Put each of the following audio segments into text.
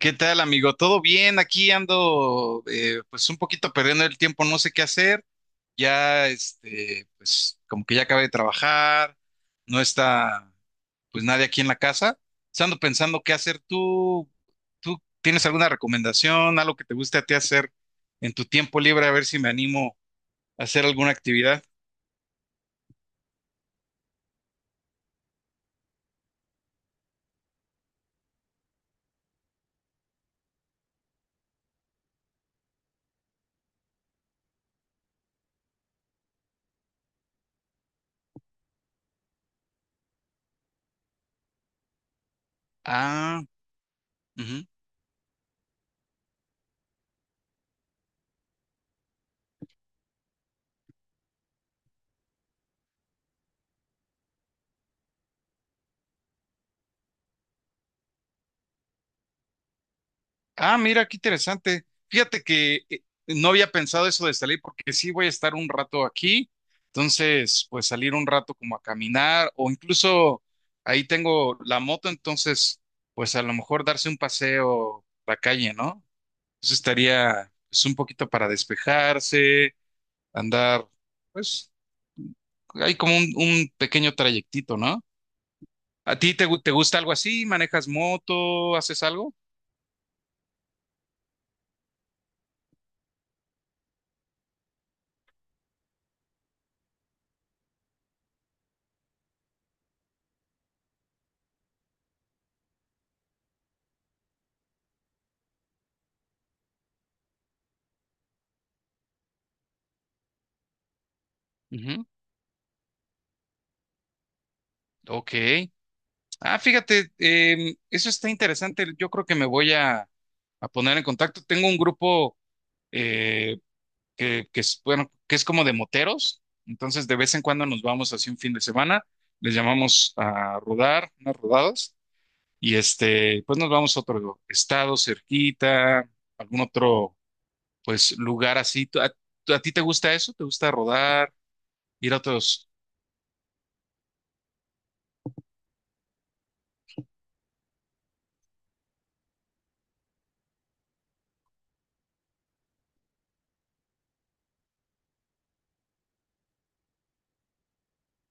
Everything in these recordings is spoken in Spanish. ¿Qué tal, amigo? ¿Todo bien? Aquí ando, pues un poquito perdiendo el tiempo, no sé qué hacer. Ya, este, pues como que ya acabé de trabajar, no está, pues nadie aquí en la casa. Entonces, ando pensando qué hacer. ¿Tú tienes alguna recomendación, algo que te guste a ti hacer en tu tiempo libre? A ver si me animo a hacer alguna actividad. Ah, Ah, mira, qué interesante. Fíjate que no había pensado eso de salir porque sí voy a estar un rato aquí. Entonces, pues salir un rato como a caminar o incluso ahí tengo la moto, entonces, pues a lo mejor darse un paseo a la calle, ¿no? Eso estaría pues, un poquito para despejarse, andar, pues hay como un pequeño trayectito, ¿no? ¿A ti te gusta algo así? ¿Manejas moto? ¿Haces algo? Ujú. Ok. Ah, fíjate, eso está interesante. Yo creo que me voy a poner en contacto. Tengo un grupo, eh, que es, bueno, que es como de moteros. Entonces, de vez en cuando nos vamos así un fin de semana. Les llamamos a rodar, unas rodadas. Y este, pues nos vamos a otro estado cerquita, algún otro, pues, lugar así. ¿A ti te gusta eso? ¿Te gusta rodar? ¿Ir a otros?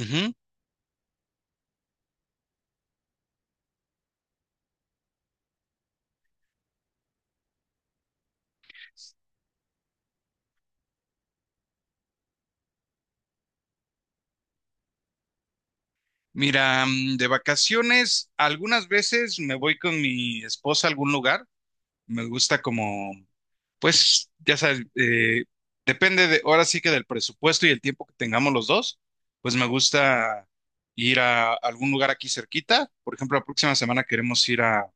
Ujú. Mira, de vacaciones, algunas veces me voy con mi esposa a algún lugar. Me gusta como, pues, ya sabes, depende de, ahora sí que del presupuesto y el tiempo que tengamos los dos, pues me gusta ir a algún lugar aquí cerquita. Por ejemplo, la próxima semana queremos ir a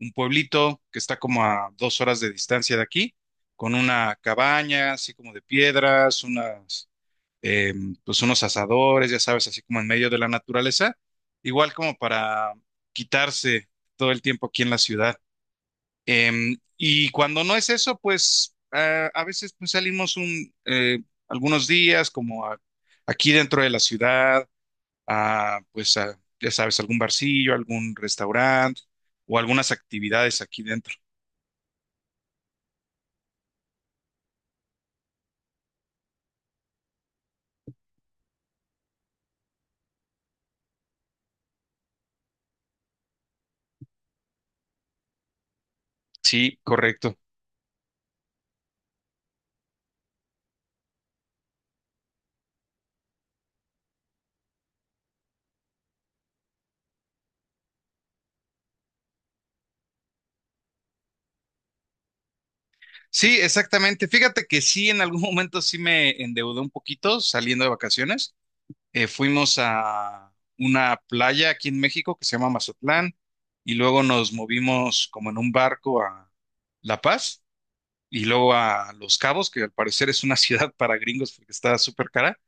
un pueblito que está como a 2 horas de distancia de aquí, con una cabaña así como de piedras, unas, eh, pues unos asadores, ya sabes, así como en medio de la naturaleza, igual como para quitarse todo el tiempo aquí en la ciudad. Y cuando no es eso, pues a veces pues, salimos algunos días como aquí dentro de la ciudad, a, pues a, ya sabes, algún barcillo, algún restaurante o algunas actividades aquí dentro. Sí, correcto. Sí, exactamente. Fíjate que sí, en algún momento sí me endeudé un poquito saliendo de vacaciones. Fuimos a una playa aquí en México que se llama Mazatlán y luego nos movimos como en un barco a La Paz y luego a Los Cabos, que al parecer es una ciudad para gringos porque está súper cara.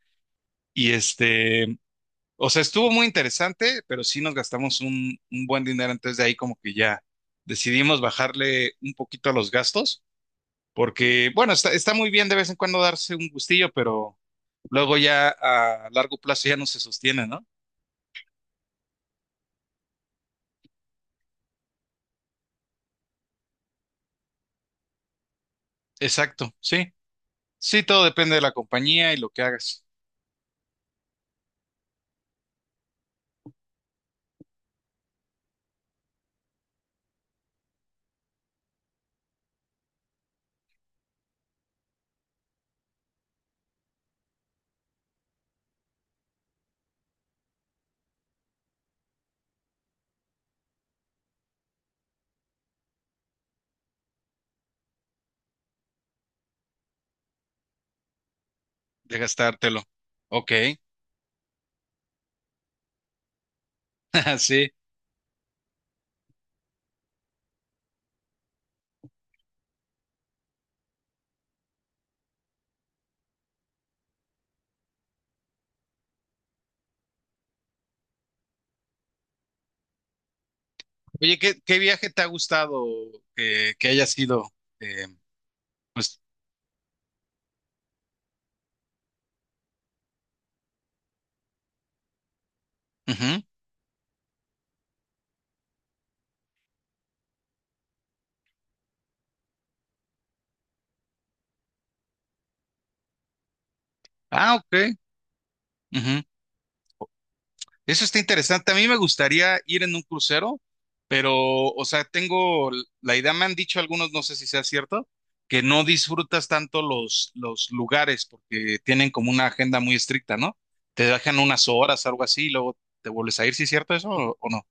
Y este, o sea, estuvo muy interesante, pero sí nos gastamos un buen dinero. Entonces de ahí como que ya decidimos bajarle un poquito a los gastos, porque bueno, está muy bien de vez en cuando darse un gustillo, pero luego ya a largo plazo ya no se sostiene, ¿no? Exacto, sí. Sí, todo depende de la compañía y lo que hagas, de gastártelo. Ok, sí. Oye, ¿qué viaje te ha gustado que haya sido? eh, pues, ujú. Ah, ok. Ujú. Eso está interesante. A mí me gustaría ir en un crucero, pero, o sea, tengo la idea, me han dicho algunos, no sé si sea cierto, que no disfrutas tanto los lugares porque tienen como una agenda muy estricta, ¿no? Te dejan unas horas, algo así, y luego te vuelves a ir, ¿sí es cierto eso o no?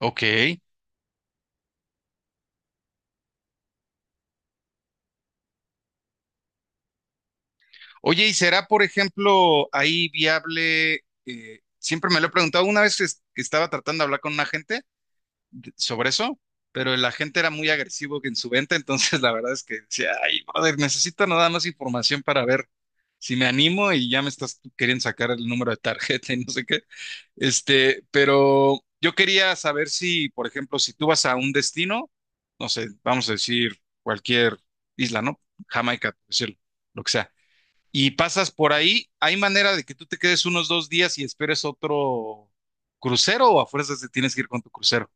Ok. Oye, ¿y será, por ejemplo, ahí viable? Siempre me lo he preguntado, una vez que estaba tratando de hablar con un agente sobre eso, pero el agente era muy agresivo en su venta, entonces la verdad es que decía, ay, brother, necesito nada más información para ver si me animo y ya me estás tú queriendo sacar el número de tarjeta y no sé qué. Este, pero yo quería saber si, por ejemplo, si tú vas a un destino, no sé, vamos a decir cualquier isla, ¿no? Jamaica, por decirlo, lo que sea. Y pasas por ahí, ¿hay manera de que tú te quedes unos 2 días y esperes otro crucero o a fuerzas te tienes que ir con tu crucero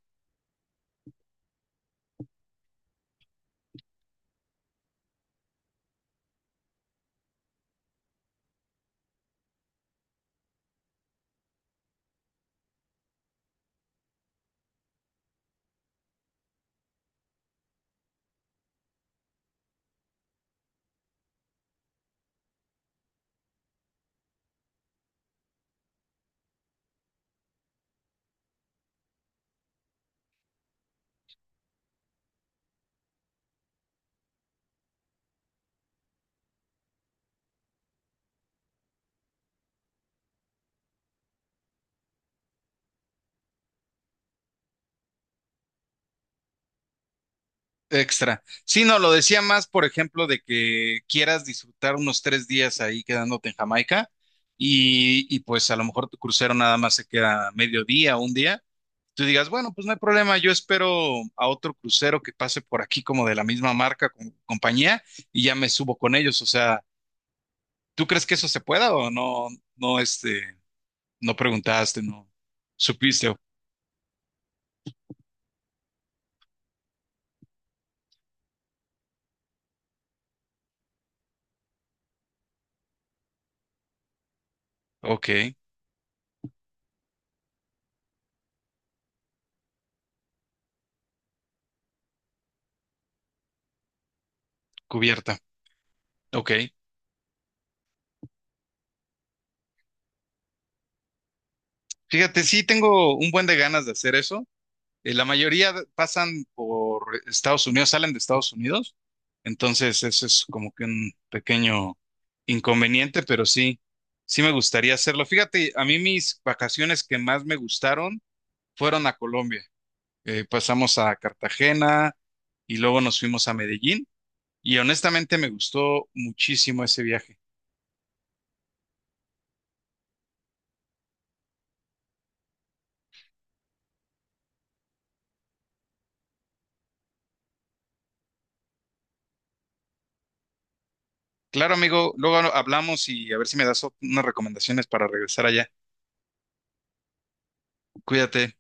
extra? Sí, no, lo decía más, por ejemplo, de que quieras disfrutar unos 3 días ahí quedándote en Jamaica y pues a lo mejor tu crucero nada más se queda medio día, un día. Tú digas, bueno, pues no hay problema, yo espero a otro crucero que pase por aquí como de la misma marca, con compañía, y ya me subo con ellos. O sea, ¿tú crees que eso se pueda o no, no, este, no preguntaste, no supiste? Ok, cubierta. Ok. Fíjate, sí tengo un buen de ganas de hacer eso. La mayoría pasan por Estados Unidos, salen de Estados Unidos. Entonces, eso es como que un pequeño inconveniente, pero sí, sí me gustaría hacerlo. Fíjate, a mí mis vacaciones que más me gustaron fueron a Colombia. Pasamos a Cartagena y luego nos fuimos a Medellín y honestamente me gustó muchísimo ese viaje. Claro, amigo, luego hablamos y a ver si me das unas recomendaciones para regresar allá. Cuídate.